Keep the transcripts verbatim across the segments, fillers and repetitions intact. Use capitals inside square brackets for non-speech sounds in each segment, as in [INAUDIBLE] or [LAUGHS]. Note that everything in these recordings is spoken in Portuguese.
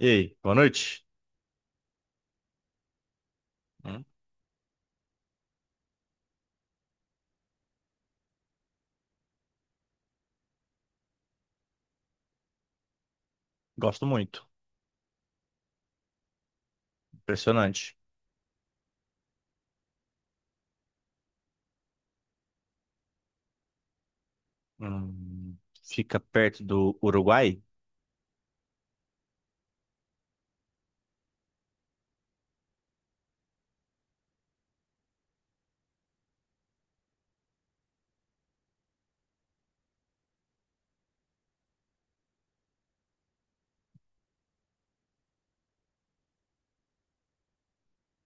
E aí, boa noite. Hum, Gosto muito. Impressionante. Hum, fica perto do Uruguai?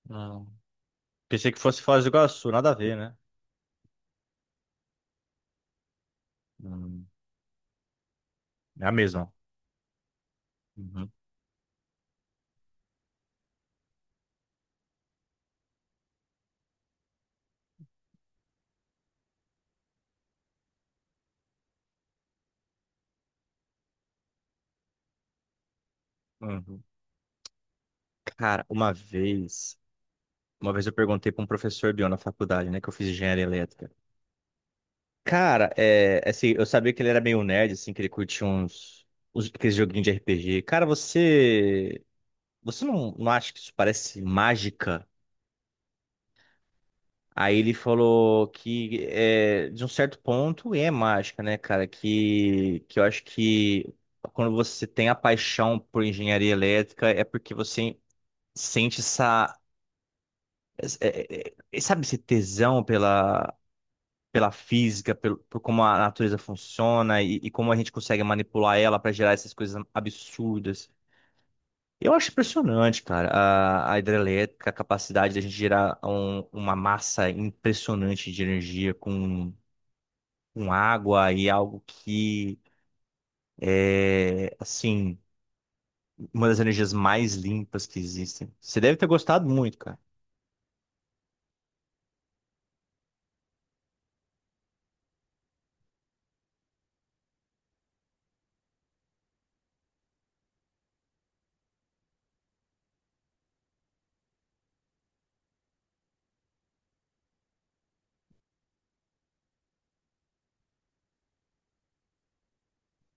Não. Pensei que fosse Foz do Iguaçu, nada a ver, né? Hum, é a mesma. Uhum. Uhum. Cara, uma vez, uma vez eu perguntei para um professor meu na faculdade, né, que eu fiz engenharia elétrica. Cara, é, assim, eu sabia que ele era meio nerd, assim, que ele curtia uns, uns aqueles joguinhos de R P G. Cara, você, você não, não acha que isso parece mágica? Aí ele falou que, é, de um certo ponto, é mágica, né, cara? Que, que eu acho que quando você tem a paixão por engenharia elétrica é porque você sente essa, é, é, é, sabe, esse tesão pela, pela física, pelo, por como a natureza funciona e, e como a gente consegue manipular ela para gerar essas coisas absurdas. Eu acho impressionante, cara, a, a hidrelétrica, a capacidade da gente gerar um- uma massa impressionante de energia com com água e algo que é, assim, uma das energias mais limpas que existem. Você deve ter gostado muito, cara.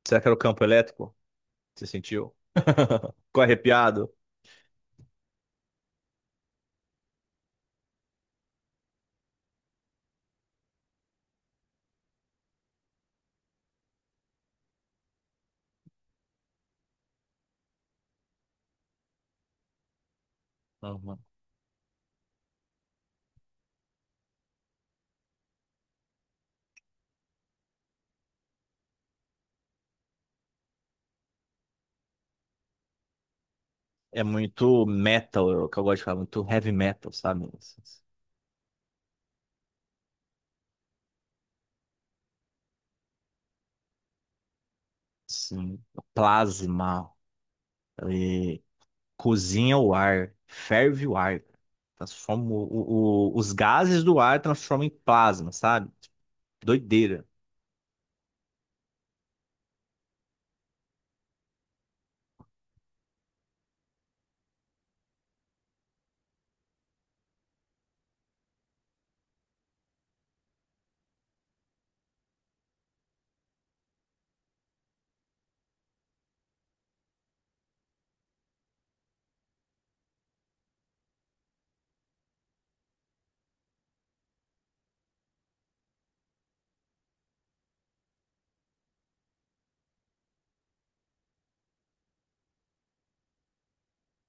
Será que era o campo elétrico? Você sentiu? [LAUGHS] Ficou arrepiado? Uhum. É muito metal, é o que eu gosto de falar, muito heavy metal, sabe? Assim, plasma, e cozinha o ar, ferve o ar, transforma o- o- o- os gases do ar transformam em plasma, sabe? Doideira.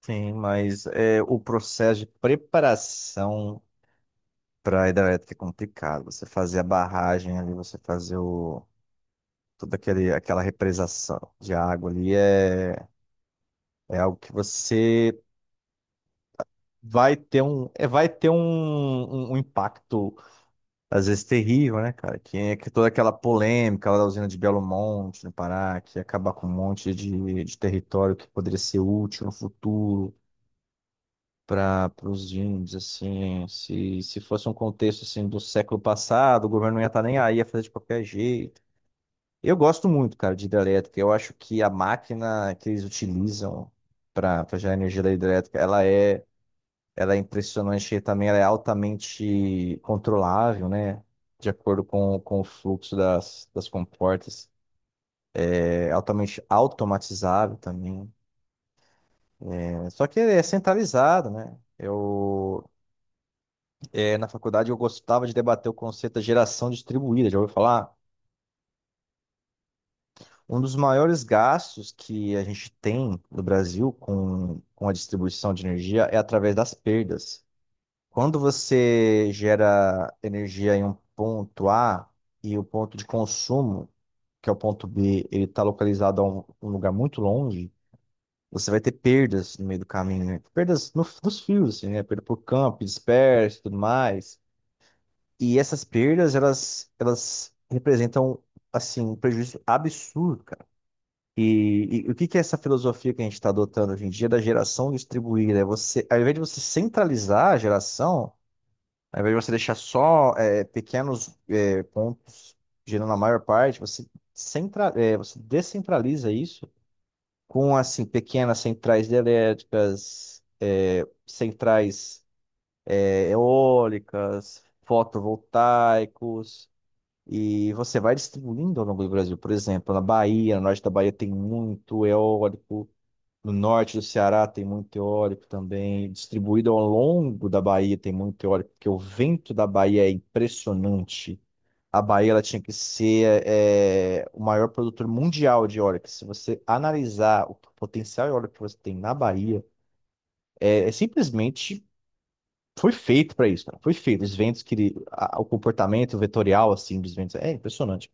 Sim, mas é, o processo de preparação para a hidrelétrica é complicado. Você fazer a barragem ali, você fazer o, toda aquele, aquela represação de água ali é, é algo que você vai ter um, é, vai ter um, um, um impacto, às vezes, terrível, né, cara? Que, é que toda aquela polêmica lá da usina de Belo Monte, no Pará, que ia acabar com um monte de, de território que poderia ser útil no futuro. Para os índios, assim, se, se fosse um contexto assim do século passado, o governo não ia estar nem aí, ia fazer de qualquer jeito. Eu gosto muito, cara, de hidrelétrica. Eu acho que a máquina que eles utilizam para gerar energia da hidrelétrica, ela é, ela é impressionante e também ela é altamente controlável, né? De acordo com, com o fluxo das, das comportas. É altamente automatizável também. É, só que é centralizado, né? Eu, é, na faculdade eu gostava de debater o conceito da geração distribuída, já ouviu falar? Um dos maiores gastos que a gente tem no Brasil com, com a distribuição de energia é através das perdas. Quando você gera energia em um ponto A e o ponto de consumo, que é o ponto B, ele está localizado a um, um lugar muito longe, você vai ter perdas no meio do caminho, né? Perdas no- nos fios, assim, né? Perda por campo, disperso e tudo mais. E essas perdas, elas, elas representam, assim, um prejuízo absurdo, cara. E, e o que que é essa filosofia que a gente está adotando hoje em dia da geração distribuída? É você, ao invés de você centralizar a geração, ao invés de você deixar só é, pequenos é, pontos gerando a maior parte, você, centra, é, você descentraliza isso com, assim, pequenas centrais elétricas, é, centrais é, eólicas, fotovoltaicos, e você vai distribuindo ao longo do Brasil. Por exemplo, na Bahia, no norte da Bahia tem muito eólico. No norte do Ceará tem muito eólico também. Distribuído ao longo da Bahia tem muito eólico, porque o vento da Bahia é impressionante. A Bahia ela tinha que ser é, o maior produtor mundial de eólica. Se você analisar o potencial eólico que você tem na Bahia, é, é simplesmente foi feito para isso, cara. Foi feito. Os ventos que ele- a- o comportamento vetorial assim dos ventos é impressionante.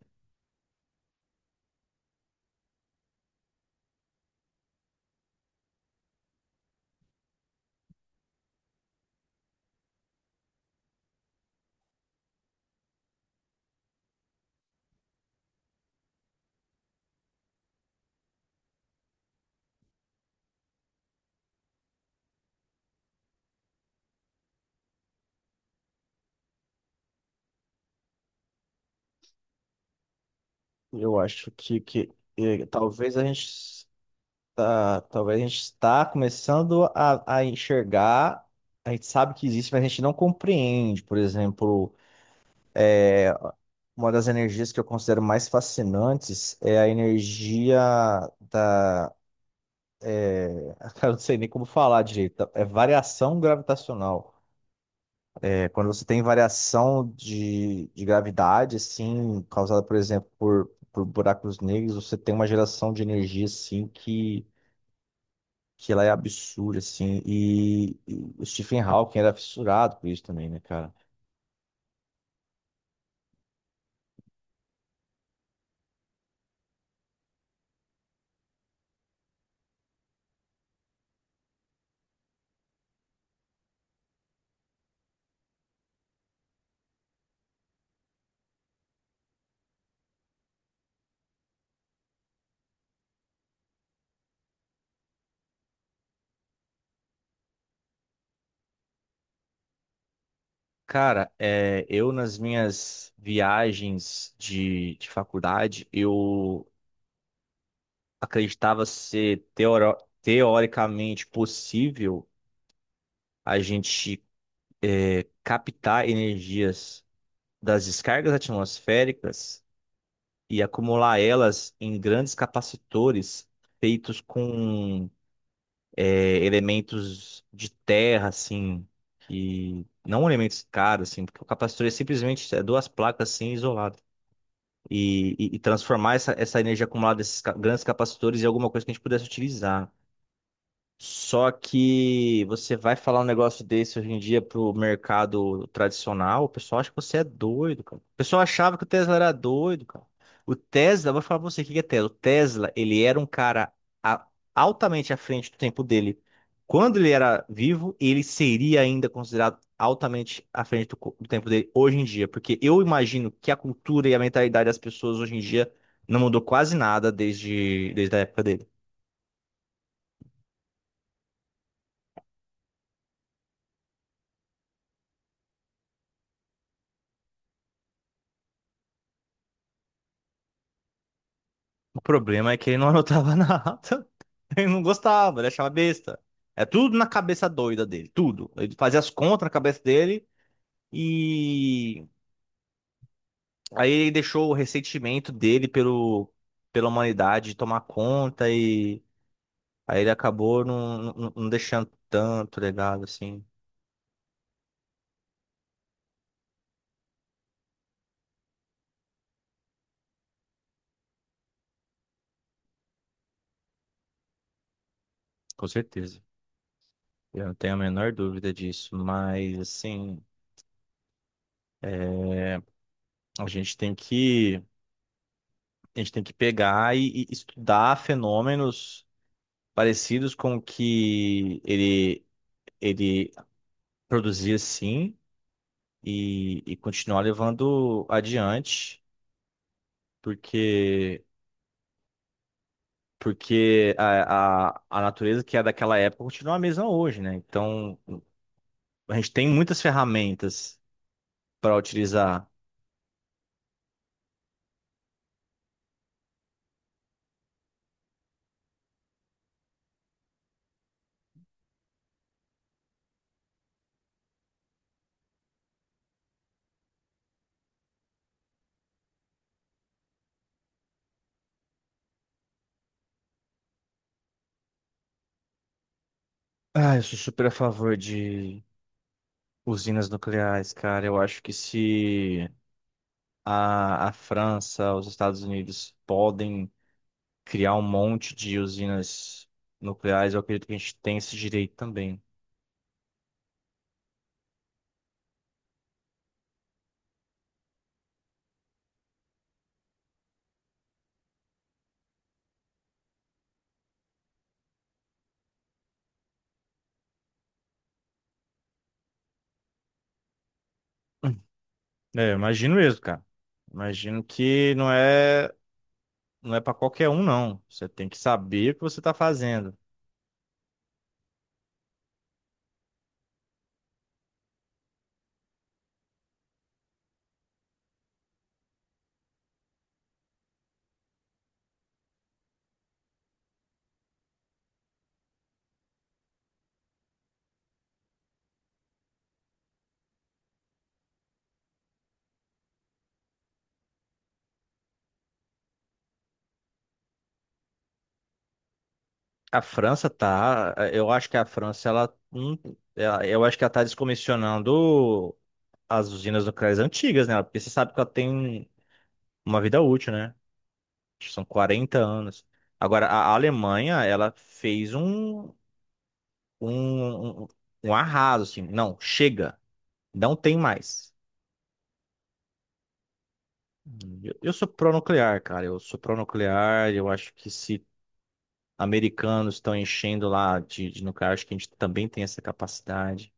Eu acho que, que eh, talvez a gente está, talvez a gente está começando a, a enxergar, a gente sabe que existe, mas a gente não compreende. Por exemplo, uma das energias que eu considero mais fascinantes é a energia da, [LAUGHS] eu não sei nem como falar direito, é variação gravitacional. É quando você tem variação de, de gravidade, assim, causada, por exemplo, por, por buracos negros, você tem uma geração de energia, assim, que que ela é absurda, assim. E, e o Stephen Hawking era fissurado por isso também, né, cara? Cara, é, eu nas minhas viagens de, de faculdade, eu acreditava ser teoro- teoricamente possível a gente captar energias das descargas atmosféricas e acumular elas em grandes capacitores feitos com é, elementos de terra, assim, que não elementos caros, assim, porque o capacitor é simplesmente é, duas placas assim isoladas. E, e- e transformar essa, essa energia acumulada desses ca- grandes capacitores em alguma coisa que a gente pudesse utilizar. Só que você vai falar um negócio desse hoje em dia pro mercado tradicional, o pessoal acha que você é doido, cara. O pessoal achava que o Tesla era doido, cara. O Tesla, vou falar pra você o que que é Tesla. O Tesla, ele era um cara a- altamente à frente do tempo dele. Quando ele era vivo, ele seria ainda considerado altamente à frente do, co- do tempo dele hoje em dia, porque eu imagino que a cultura e a mentalidade das pessoas hoje em dia não mudou quase nada desde, desde a época dele. O problema é que ele não anotava [LAUGHS] nada. Ele não gostava, ele achava besta. É tudo na cabeça doida dele, tudo. Ele fazia as contas na cabeça dele e aí ele deixou o ressentimento dele pelo, pela humanidade tomar conta e aí ele acabou não, não, não deixando tanto legado assim. Com certeza. Eu não tenho a menor dúvida disso, mas assim, a gente tem que a gente tem que pegar e e estudar fenômenos parecidos com o que ele, ele produzia sim e, e continuar levando adiante, porque, porque a, a, a natureza que é daquela época continua a mesma hoje, né? Então a gente tem muitas ferramentas para utilizar. Ah, eu sou super a favor de usinas nucleares, cara. Eu acho que se a, a França, os Estados Unidos podem criar um monte de usinas nucleares, eu acredito que a gente tem esse direito também. É, eu imagino mesmo, cara. Imagino que não é, não é para qualquer um, não. Você tem que saber o que você está fazendo. A França tá, eu acho que a França ela, hum, ela- eu acho que ela tá descomissionando as usinas nucleares antigas, né? Porque você sabe que ela tem uma vida útil, né? Acho que são quarenta anos. Agora, a Alemanha, ela fez um, um, um, um arraso, assim. Não, chega. Não tem mais. Eu, eu sou pró-nuclear, cara. Eu sou pró-nuclear. Eu acho que se americanos estão enchendo lá de, de nuclear, acho que a gente também tem essa capacidade.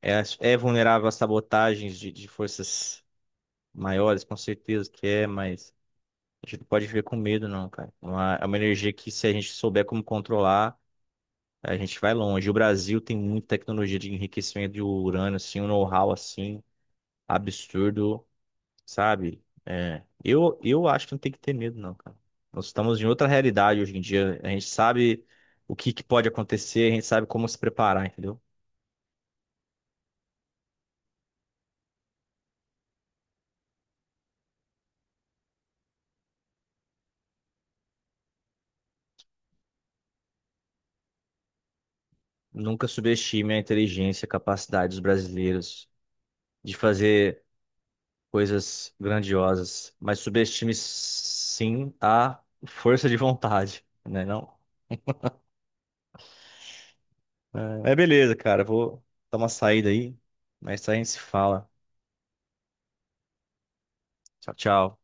É, é vulnerável a sabotagens de, de forças maiores, com certeza que é, mas a gente não pode viver com medo, não, cara. É uma, é uma energia que, se a gente souber como controlar, a gente vai longe. O Brasil tem muita tecnologia de enriquecimento de urânio, assim, um know-how assim absurdo. Sabe? É, eu, eu acho que não tem que ter medo, não, cara. Nós estamos em outra realidade hoje em dia. A gente sabe o que, que pode acontecer, a gente sabe como se preparar, entendeu? Nunca subestime a inteligência, a capacidade dos brasileiros de fazer coisas grandiosas, mas subestime sim a força de vontade, né? Não? É, mas beleza, cara. Vou dar uma saída aí, mas a gente se fala. Tchau, tchau.